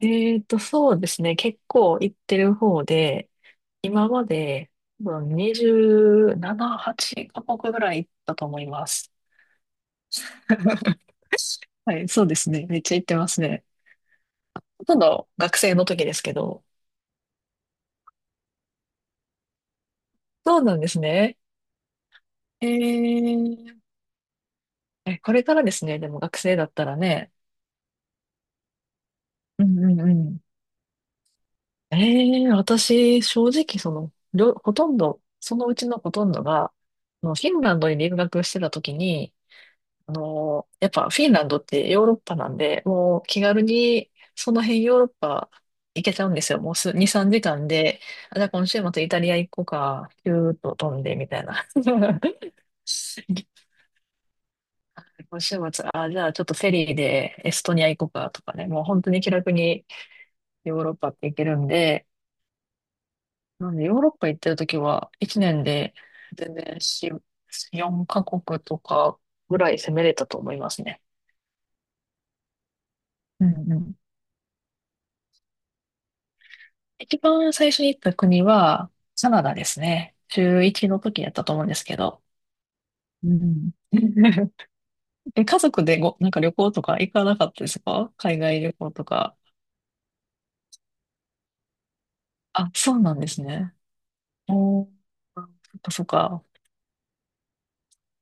そうですね。結構行ってる方で、今まで多分27、8カ国ぐらい行ったと思います。はい、そうですね。めっちゃ行ってますね。ほとんど学生の時ですけど。そうなんですね。えー、これからですね。でも学生だったらね。うんうんうん。私、正直、ほとんど、そのうちのほとんどが、フィンランドに留学してた時に、やっぱフィンランドってヨーロッパなんで、もう気軽にその辺ヨーロッパ行けちゃうんですよ。もう2、3時間で、あ、じゃあ今週末イタリア行こうか、ピューッと飛んでみたいな。今週末、あ、じゃあちょっとフェリーでエストニア行こうかとかね、もう本当に気楽にヨーロッパって行けるんで、なんでヨーロッパ行ってるときは1年で全然4、4カ国とかぐらい攻めれたと思いますね。うんうん。一番最初に行った国は、カナダですね。中一の時やったと思うんですけど。うん。家族でなんか旅行とか行かなかったですか？海外旅行とか。あ、そうなんですね。おー、そっかそっか。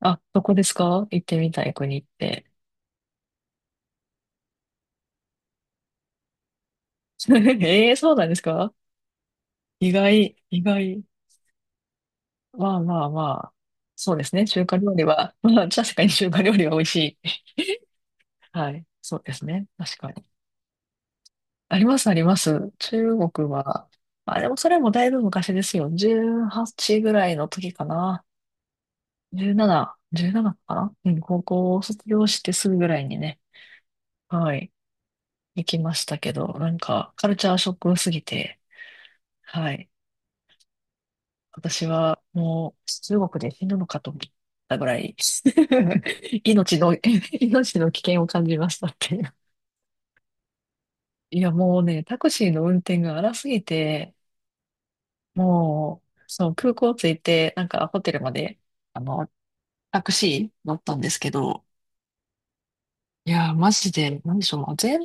あ、どこですか？行ってみたい国って。ええ、そうなんですか？意外、意外。まあまあまあ。そうですね。中華料理は、まあ確かに中華料理は美味しい。はい。そうですね。確かに。ありますあります。中国は、まあ、でもそれもだいぶ昔ですよ。18ぐらいの時かな。17かな。うん、高校を卒業してすぐぐらいにね、はい、行きましたけど、なんか、カルチャーショックすぎて、はい、私はもう中国で死ぬのかと思ったぐらい、命の、命の危険を感じましたっていう。いや、もうね、タクシーの運転が荒すぎて、もう、そう、空港着いて、なんかホテルまで、あの、タクシー乗ったんですけど、いやー、マジで、なんでしょう、もう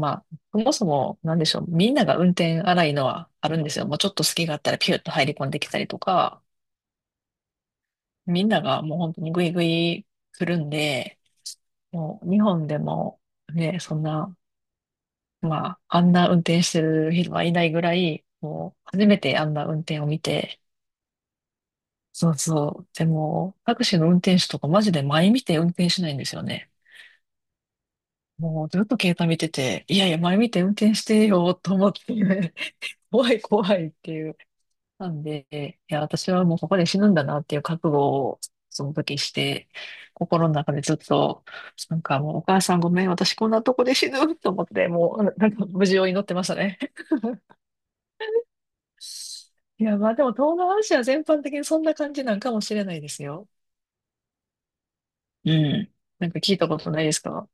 まあ、そもそも、なんでしょう、みんなが運転荒いのはあるんですよ。もうちょっと隙があったらピュッと入り込んできたりとか、みんながもう本当にグイグイ来るんで、もう日本でもね、そんな、まあ、あんな運転してる人はいないぐらい、もう初めてあんな運転を見て、そうそう。でも、タクシーの運転手とかマジで前見て運転しないんですよね。もうずっと携帯見てて、いやいや、前見て運転してよと思って、怖い怖いっていう。なんで、いや、私はもうここで死ぬんだなっていう覚悟をその時して、心の中でずっと、なんかもうお母さんごめん、私こんなとこで死ぬと思って、もうなんか無事を祈ってましたね。いや、まあでも東南アジア全般的にそんな感じなんかもしれないですよ。うん。なんか聞いたことないですか？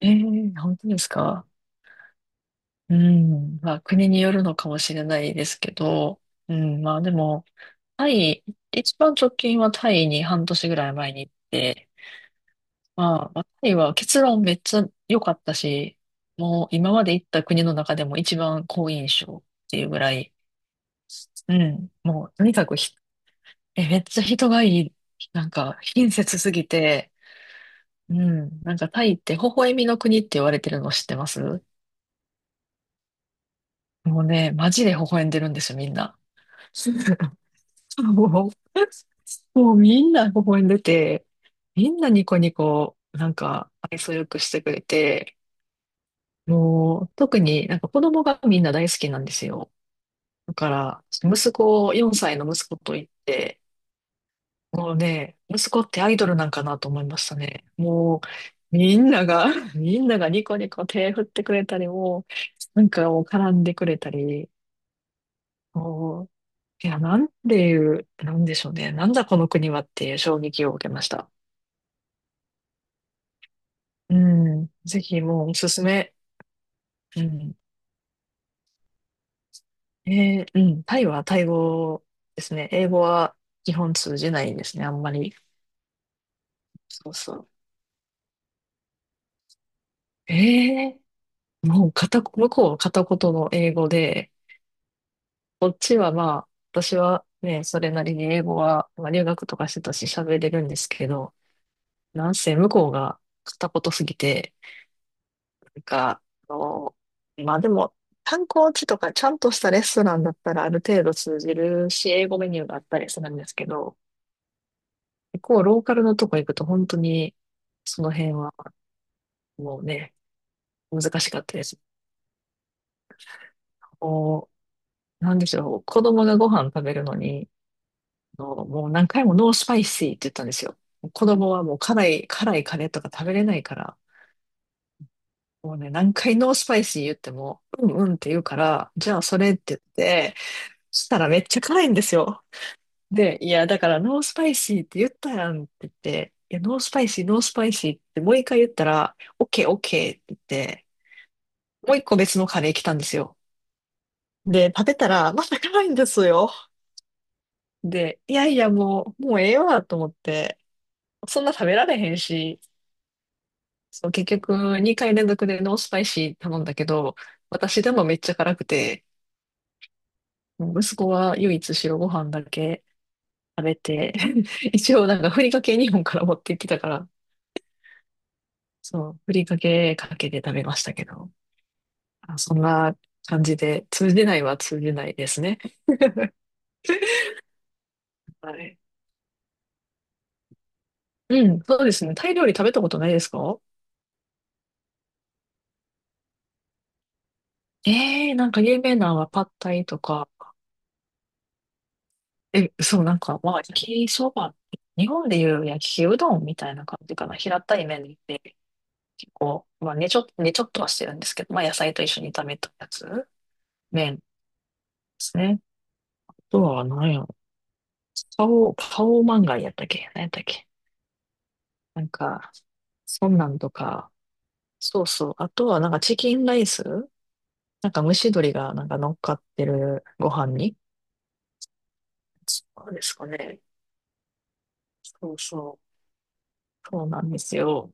ええ、本当ですか？うん。まあ、国によるのかもしれないですけど、うん、まあでも、タイ、一番直近はタイに半年ぐらい前に行って、まあタイは結論めっちゃ良かったし、もう今まで行った国の中でも一番好印象っていうぐらい、うん、もうとにかくめっちゃ人がいい、なんか親切すぎて、うん、なんかタイって微笑みの国って言われてるの知ってます？もうね、マジで微笑んでるんですよ、みんな。もう、もうみんな微笑んでて、みんなニコニコ、なんか愛想よくしてくれて、もう特になんか子供がみんな大好きなんですよ。だから、息子、4歳の息子と言って、もうね、息子ってアイドルなんかなと思いましたね。もう、みんなが、みんながニコニコ手振ってくれたり、もう、なんかもう絡んでくれたり、もいや、なんていう、なんでしょうね。なんだこの国はっていう衝撃を受けました。うん。ぜひもうおすすめ。うん。うん。タイはタイ語ですね。英語は基本通じないですね。あんまり。そうそう。えもう向こうは片言の英語で、こっちはまあ、私はね、それなりに英語は、まあ、留学とかしてたし喋れるんですけど、なんせ向こうが片言すぎて、なんか、あの、まあでも、観光地とかちゃんとしたレストランだったらある程度通じるし、英語メニューがあったりするんですけど、結構ローカルのとこ行くと本当に、その辺はもうね、難しかったです。こう、なんでしょう、子供がご飯食べるのに、もう何回もノースパイシーって言ったんですよ。子供はもう辛い、辛いカレーとか食べれないから、もうね、何回ノースパイシー言っても、うんうんって言うから、じゃあそれって言って、そしたらめっちゃ辛いんですよ。で、いや、だから、ノースパイシーって言ったやんって言って、いや、ノースパイシー、ノースパイシーってもう一回言ったら、オッケー、オッケーって言って、もう一個別のカレー来たんですよ。で、食べたら、また辛いんですよ。で、いやいや、もうええわと思って、そんな食べられへんし、そう、結局、2回連続でノースパイシー頼んだけど、私でもめっちゃ辛くて、息子は唯一白ご飯だけ食べて、一応なんかふりかけ日本から持ってきたから、そう、ふりかけかけて食べましたけど、あ、そんな感じで、通じないは通じないですね。はい。うん、そうですね。タイ料理食べたことないですか？ええー、なんか有名なのはパッタイとか、そう、なんか、まあ、焼きそば、日本でいう焼きうどんみたいな感じかな。平たい麺で、結構、まあ、ねちょっとはしてるんですけど、まあ、野菜と一緒に炒めたやつ、麺ですね。あとは何やろ。パオマンガイやったっけ？何やったっけ？なんか、そんなんとか、そうそう。あとはなんかチキンライス、なんか蒸し鶏がなんか乗っかってるご飯に。そうですかね。そうそう。そうなんですよ。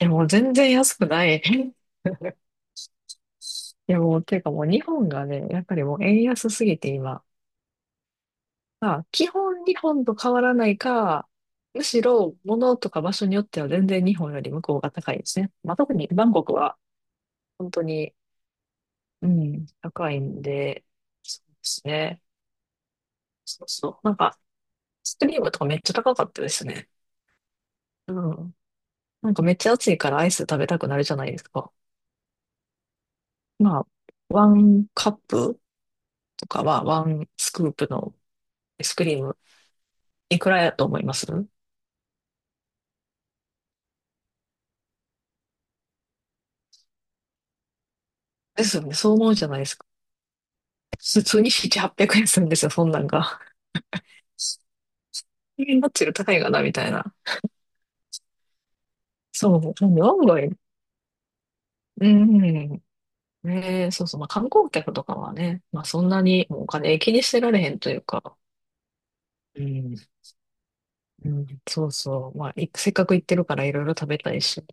もう全然安くない。いやもう、ていうかもう日本がね、やっぱりもう円安すぎて今。まあ、基本日本と変わらないか、むしろ物とか場所によっては全然日本より向こうが高いですね。まあ、特にバンコクは本当に、うん、高いんで、そうですね。そうそう。なんかスクリームとかめっちゃ高かったですね。うん。なんかめっちゃ暑いからアイス食べたくなるじゃないですか。まあ、ワンカップとかはワンスクープのアイスクリーム、いくらやと思います？ですよね。そう思うじゃないですか。普通に7、800円するんですよ、そんなんが。え、マッチより高いかな、みたいな。そう、なんで案外、うん。ねえ、そうそう。まあ観光客とかはね、まあそんなにもうお金気にしてられへんというか、うん、うん、そうそう。まあ、いせっかく行ってるからいろいろ食べたいし。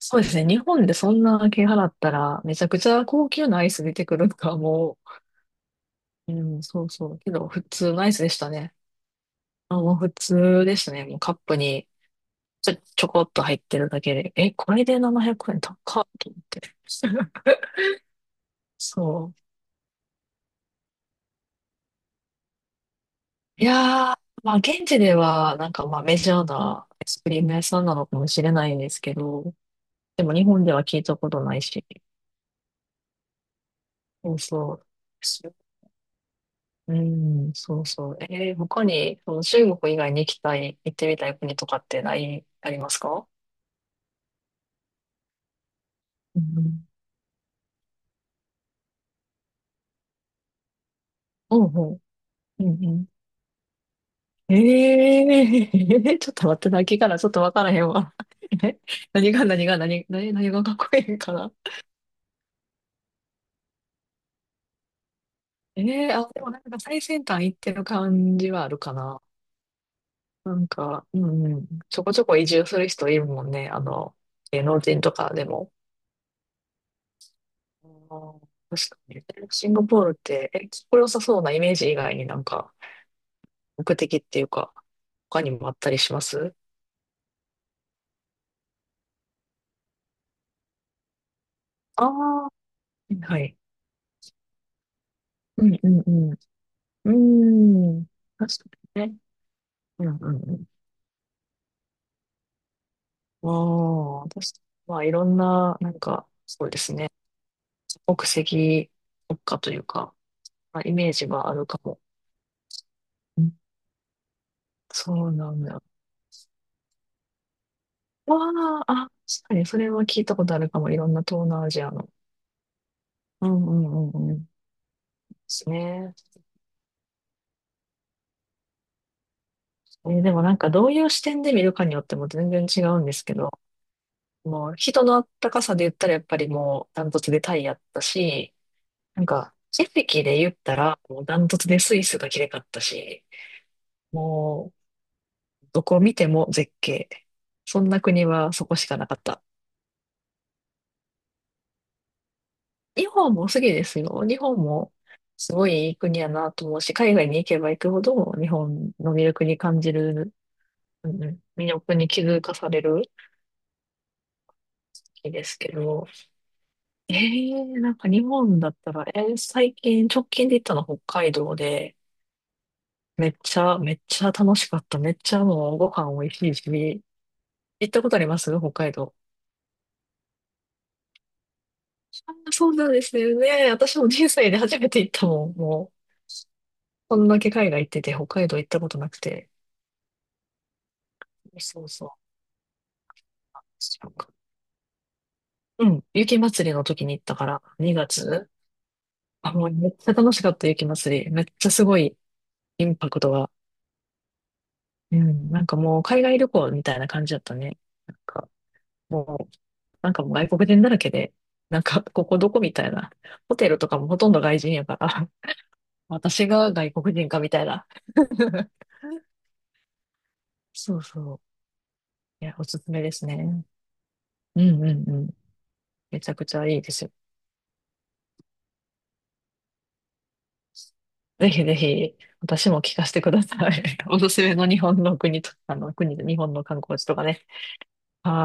そうですね。日本でそんな金払ったら、めちゃくちゃ高級なアイス出てくるのか、もう。うん、そうそう。けど、普通のアイスでしたね。あ、もう普通でしたね。もうカップにちょこっと入ってるだけで。え、これで700円高っと思って。そう。いやー、まあ現地では、まあメジャーなアイスクリーム屋さんなのかもしれないんですけど、でも日本では聞いたことないし。そうそう。うん、そうそう。他に、その中国以外に行きたい、行ってみたい国とかってない、ありますか？うん。うんうん。うんうん。ちょっと待って、泣きからちょっとわからへんわ。え、何がかっこいいんかな。あ、でもなんか最先端行ってる感じはあるかな。なんか、うんうん。ちょこちょこ移住する人いるもんね。あの、芸能人とかでも。あー確かに。シンガポールって、え、かっこよさそうなイメージ以外になんか、目的っていうか、他にもあったりします？ああー、はい。うんうんうん。うーん。確かにね。うんうんうん。ああ、確かに。まあ、いろんな、なんか、そうですね。国籍国家というか、まあ、イメージはあるかも。うん。そうなんだ。わあ、あ、確かに、それは聞いたことあるかも。いろんな東南アジアの。うんうんうんうん。ですね。でもなんかどういう視点で見るかによっても全然違うんですけど、もう人のあったかさで言ったらやっぱりもうダントツでタイやったし、なんか景色で言ったらもうダントツでスイスが綺麗かったし、もうどこ見ても絶景。そんな国はそこしかなかった。日本もすぎですよ。日本もすごいいい国やなと思うし、海外に行けば行くほど日本の魅力に感じる、うんうん魅力に気づかされる国ですけど、ええなんか日本だったら、最近、直近で行ったの北海道で、めっちゃ楽しかった。めっちゃもうご飯美味しいし、行ったことあります？北海道。あー、そうなんですよね。私も人生で初めて行ったもん。もう、こんだけ海外行ってて、北海道行ったことなくて。そうそう。そうか。うん。雪祭りの時に行ったから、2月。あ、もうめっちゃ楽しかった、雪祭り。めっちゃすごいインパクトが。うん。なんかもう海外旅行みたいな感じだったね。もう、なんかもう外国人だらけで、なんか、ここどこみたいな。ホテルとかもほとんど外人やから、私が外国人かみたいな。そうそう。いや、おすすめですね。うんうんうん。めちゃくちゃいいですよ。ぜひぜひ、私も聞かせてください。おすすめの日本の国と、あの、国で日本の観光地とかね。